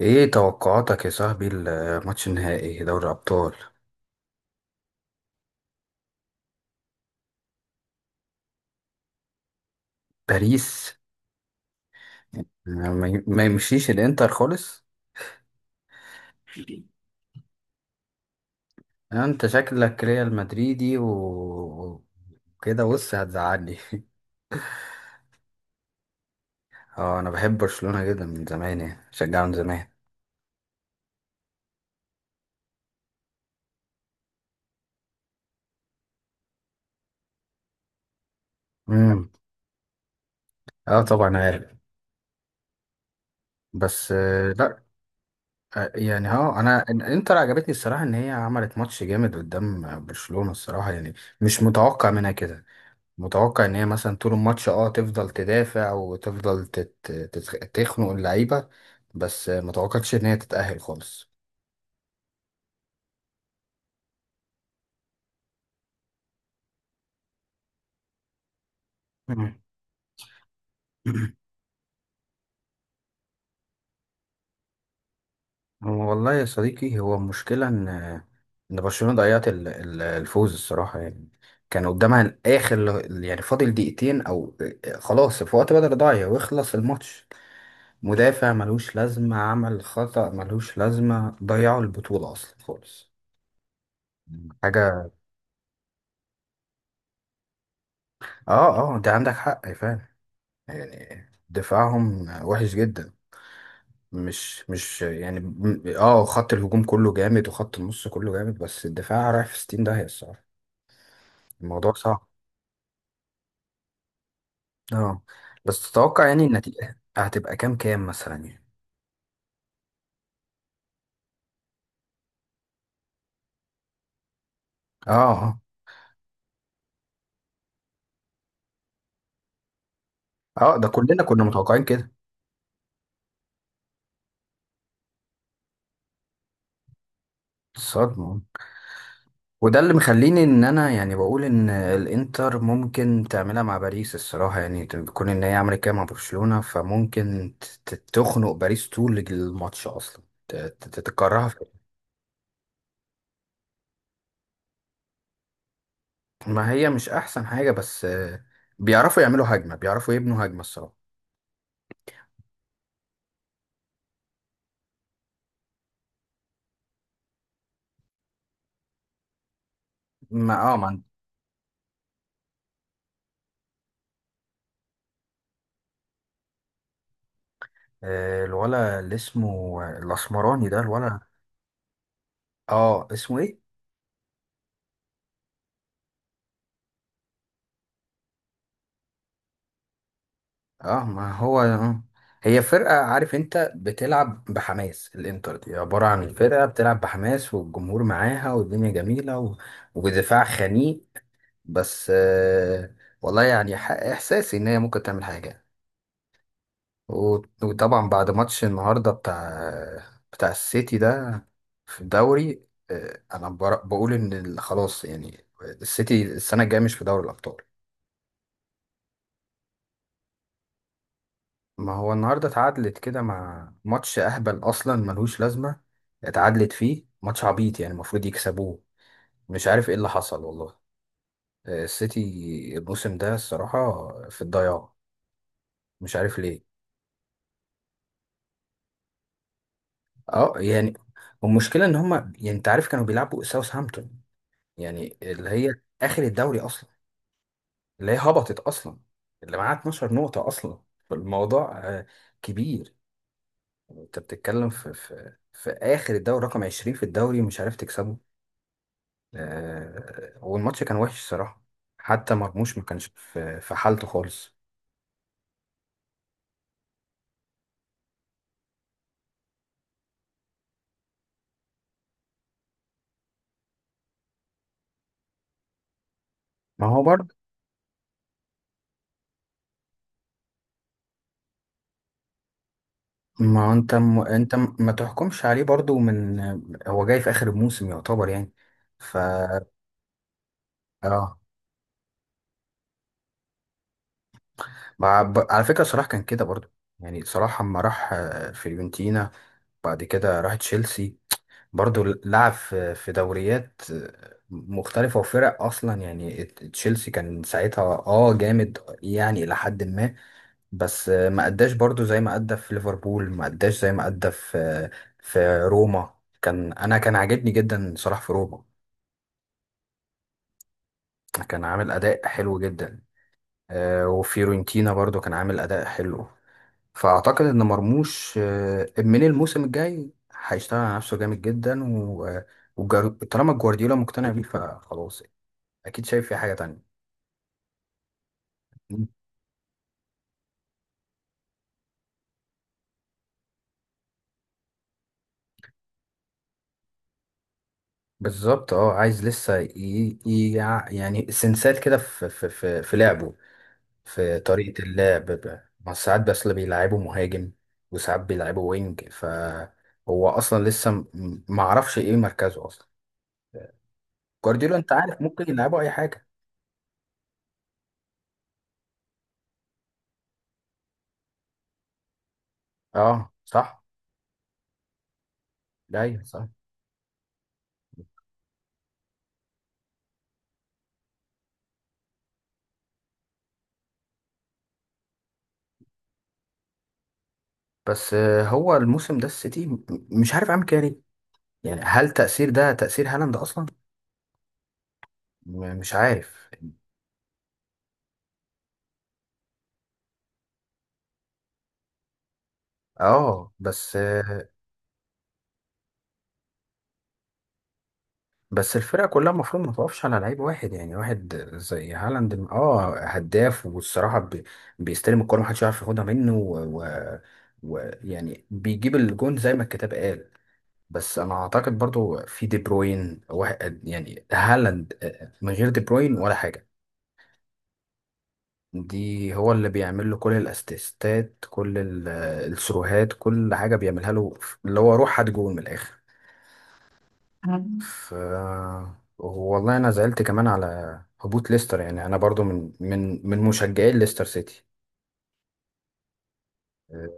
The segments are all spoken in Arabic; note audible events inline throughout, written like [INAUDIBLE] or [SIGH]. ايه توقعاتك يا صاحبي الماتش النهائي دوري الابطال؟ باريس. يعني ما يمشيش الانتر خالص. يعني انت شكلك ريال مدريدي وكده بص هتزعلني. [LAUGHS] اه انا بحب برشلونة جدا من زمان، يعني شجعه من زمان. امم اه طبعا عارف. بس لا. يعني انا الانتر عجبتني الصراحة، ان هي عملت ماتش جامد قدام برشلونة الصراحة يعني. مش متوقع منها كده. متوقع ان هي مثلا طول الماتش تفضل تدافع وتفضل تخنق اللعيبه. بس متوقعتش ان هي تتأهل خالص. مم. [CLEARS THROAT] هو والله يا صديقي، هو المشكله ان ان برشلونه ضيعت الفوز الصراحه يعني. كان قدامها اخر، يعني فاضل دقيقتين او خلاص في وقت بدل ضايع ويخلص الماتش. مدافع ملوش لازمه عمل خطأ ملوش لازمه، ضيعوا البطوله اصلا خالص. حاجه. اه اه، ده عندك حق فعلا. يعني دفاعهم وحش جدا. مش يعني خط الهجوم كله جامد وخط النص كله جامد، بس الدفاع رايح في 60 داهية الصراحة. الموضوع صعب. اه. بس تتوقع يعني النتيجة هتبقى كام كام مثلا يعني؟ اه اه اه ده كلنا كنا متوقعين كده. الصدمة. وده اللي مخليني ان انا يعني بقول ان الانتر ممكن تعملها مع باريس الصراحة، يعني تكون ان هي عملت كده مع برشلونة فممكن تخنق باريس طول الماتش اصلا، تكرهها. ما هي مش احسن حاجه، بس بيعرفوا يعملوا هجمه، بيعرفوا يبنوا هجمه الصراحه. ما اه ما عند- آه، الولا اللي اسمه الاسمراني ده الولا. اه اسمه ايه. اه ما هو هي فرقه، عارف انت بتلعب بحماس، الانتر دي عباره عن فرقه بتلعب بحماس والجمهور معاها والدنيا جميله ودفاع خنيق. بس والله يعني احساسي ان هي ممكن تعمل حاجه يعني. وطبعا بعد ماتش النهارده بتاع السيتي ده في الدوري. انا بقول ان خلاص يعني السيتي السنه الجايه مش في دوري الابطال. ما هو النهارده اتعادلت كده مع ماتش اهبل اصلا ملهوش لازمه. اتعادلت فيه ماتش عبيط يعني المفروض يكسبوه. مش عارف ايه اللي حصل والله. السيتي الموسم ده الصراحه في الضياع. مش عارف ليه. اه يعني. والمشكله ان هم يعني انت عارف كانوا بيلعبوا ساوثهامبتون، يعني اللي هي اخر الدوري اصلا، اللي هي هبطت اصلا، اللي معاها 12 نقطة اصلا. فالموضوع كبير. يعني انت بتتكلم في اخر الدوري، رقم 20 في الدوري ومش عارف تكسبه. والماتش كان وحش الصراحة. حتى مرموش ما كانش في حالته خالص. ما هو برضه، ما هو انت ما تحكمش عليه برضه من، هو جاي في اخر الموسم يعتبر يعني. ف اه. ب- على فكرة صلاح كان كده برضه. يعني صلاح اما راح فيورنتينا، بعد كده راح تشيلسي، برضو لعب في دوريات مختلفة وفرق، أصلا يعني تشيلسي كان ساعتها جامد يعني إلى حد ما. بس ما أداش برضو زي ما أدى في ليفربول، ما أداش زي ما أدى في في روما. كان أنا كان عاجبني جدا صلاح في روما. كان عامل أداء حلو جدا. وفيورنتينا برضو كان عامل أداء حلو. فاعتقد ان مرموش من الموسم الجاي هيشتغل على نفسه جامد جدا، طالما جوارديولا مقتنع بيه فخلاص، اكيد شايف في حاجه تانية. بالظبط اه، عايز لسه يعني سنسات كده في في في في لعبه، في طريقه اللعب. ما ساعات بس اللي بيلعبه مهاجم، وساعات بيلعبه وينج، فهو اصلا لسه ما اعرفش ايه مركزه اصلا. جوارديولا انت عارف ممكن يلعبه اي حاجه. اه صح. ايوه صح. بس هو الموسم ده السيتي مش عارف عامل كده ليه. يعني هل تأثير ده تأثير هالاند أصلا؟ مش عارف. اه. بس بس الفرقة كلها المفروض ما توقفش على لعيب واحد، يعني واحد زي هالاند اه هداف والصراحة بيستلم الكورة محدش يعرف ياخدها منه ويعني، يعني بيجيب الجون زي ما الكتاب قال. بس انا اعتقد برضو في دي بروين، واحد يعني هالاند من غير دي بروين ولا حاجة. دي هو اللي بيعمل له كل الاسيستات، كل السروهات، كل حاجه بيعملها له، اللي هو روح هات جول من الاخر. ف والله انا زعلت كمان على هبوط ليستر، يعني انا برضو من مشجعي ليستر سيتي. أه،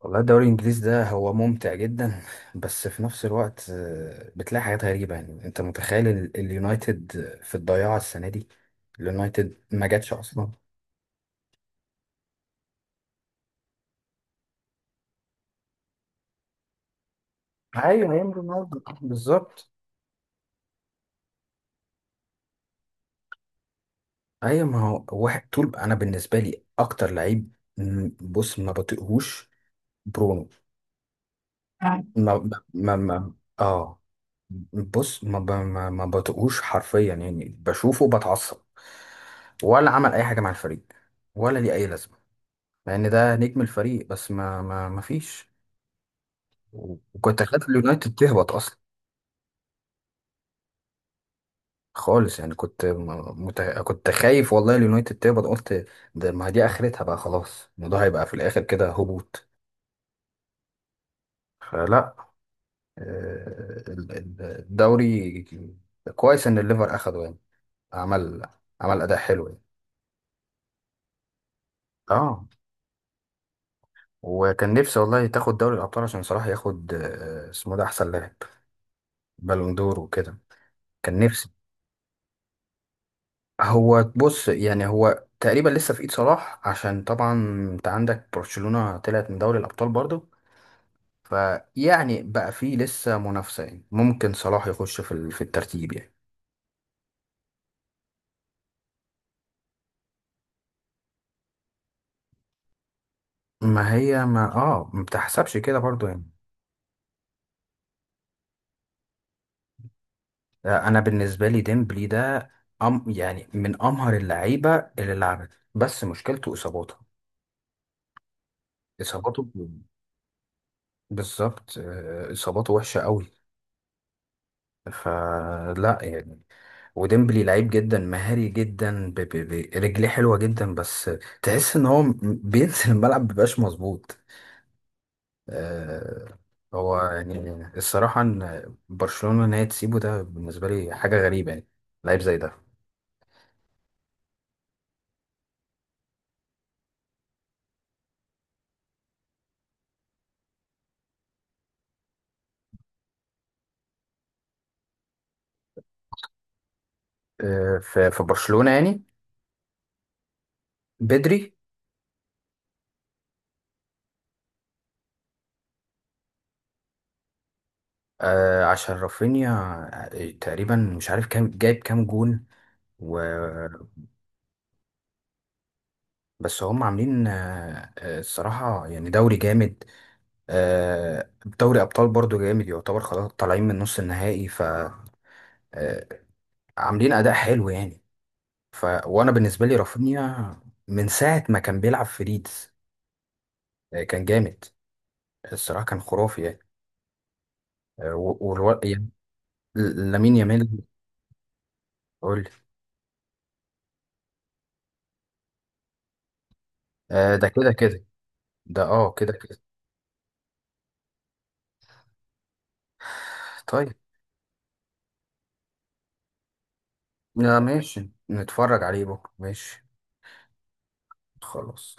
والله الدوري الانجليزي ده هو ممتع جدا، بس في نفس الوقت بتلاقي حاجات غريبه. يعني انت متخيل اليونايتد في الضياع السنه دي. اليونايتد ما جاتش اصلا. ايوه ايام رونالدو بالظبط. ايوه ما هو واحد طول، انا بالنسبه لي اكتر لعيب، بص ما بطيقهوش، برونو. آه. ما ما ما اه. بص ما ب- ما, ما بطيقهوش حرفيا، يعني بشوفه بتعصب. ولا عمل اي حاجه مع الفريق، ولا ليه اي لازمه، مع ان ده نجم الفريق، بس ما فيش. وكنت خايف اليونايتد تهبط اصلا خالص، يعني كنت كنت خايف والله اليونايتد تهبط. قلت ده ما دي اخرتها بقى، خلاص الموضوع هيبقى في الاخر كده هبوط. فلا. الدوري كويس ان الليفر اخده يعني. عمل عمل اداء حلو يعني. اه. وكان نفسي والله تاخد دوري الابطال عشان صلاح ياخد اسمه ده احسن لاعب، بالون دور وكده. كان نفسي. هو بص يعني هو تقريبا لسه في ايد صلاح، عشان طبعا انت عندك برشلونة طلعت من دوري الابطال برضه، فيعني بقى فيه لسه منافسة، يعني ممكن صلاح يخش في في الترتيب يعني. ما هي ما اه ما بتحسبش كده برضه يعني. انا بالنسبه لي ديمبلي ده أم يعني من امهر اللعيبه اللي لعبت، بس مشكلته اصاباته. اصاباته ب- بالظبط اصاباته وحشه قوي. فلا يعني. وديمبلي لعيب جدا مهاري جدا، رجليه حلوه جدا، بس تحس ان هو بينزل الملعب مبيبقاش مظبوط. آه، هو يعني الصراحه ان برشلونه ان هي تسيبه ده بالنسبه لي حاجه غريبه يعني. لعيب زي ده. في برشلونه يعني، بدري. آه عشان رافينيا تقريبا مش عارف كام جايب كام جون. و بس هم عاملين الصراحة يعني دوري جامد. آه، دوري أبطال برضو جامد يعتبر، خلاص طالعين من نص النهائي ف آه، عاملين أداء حلو يعني. ف وأنا بالنسبة لي رافينيا من ساعة ما كان بيلعب في ليدز كان جامد الصراحة، كان خرافي يعني. يعني لامين يامال. قول لي. ده كده كده. ده اه كده كده. طيب لا ماشي نتفرج عليه بكرة ماشي. خلاص.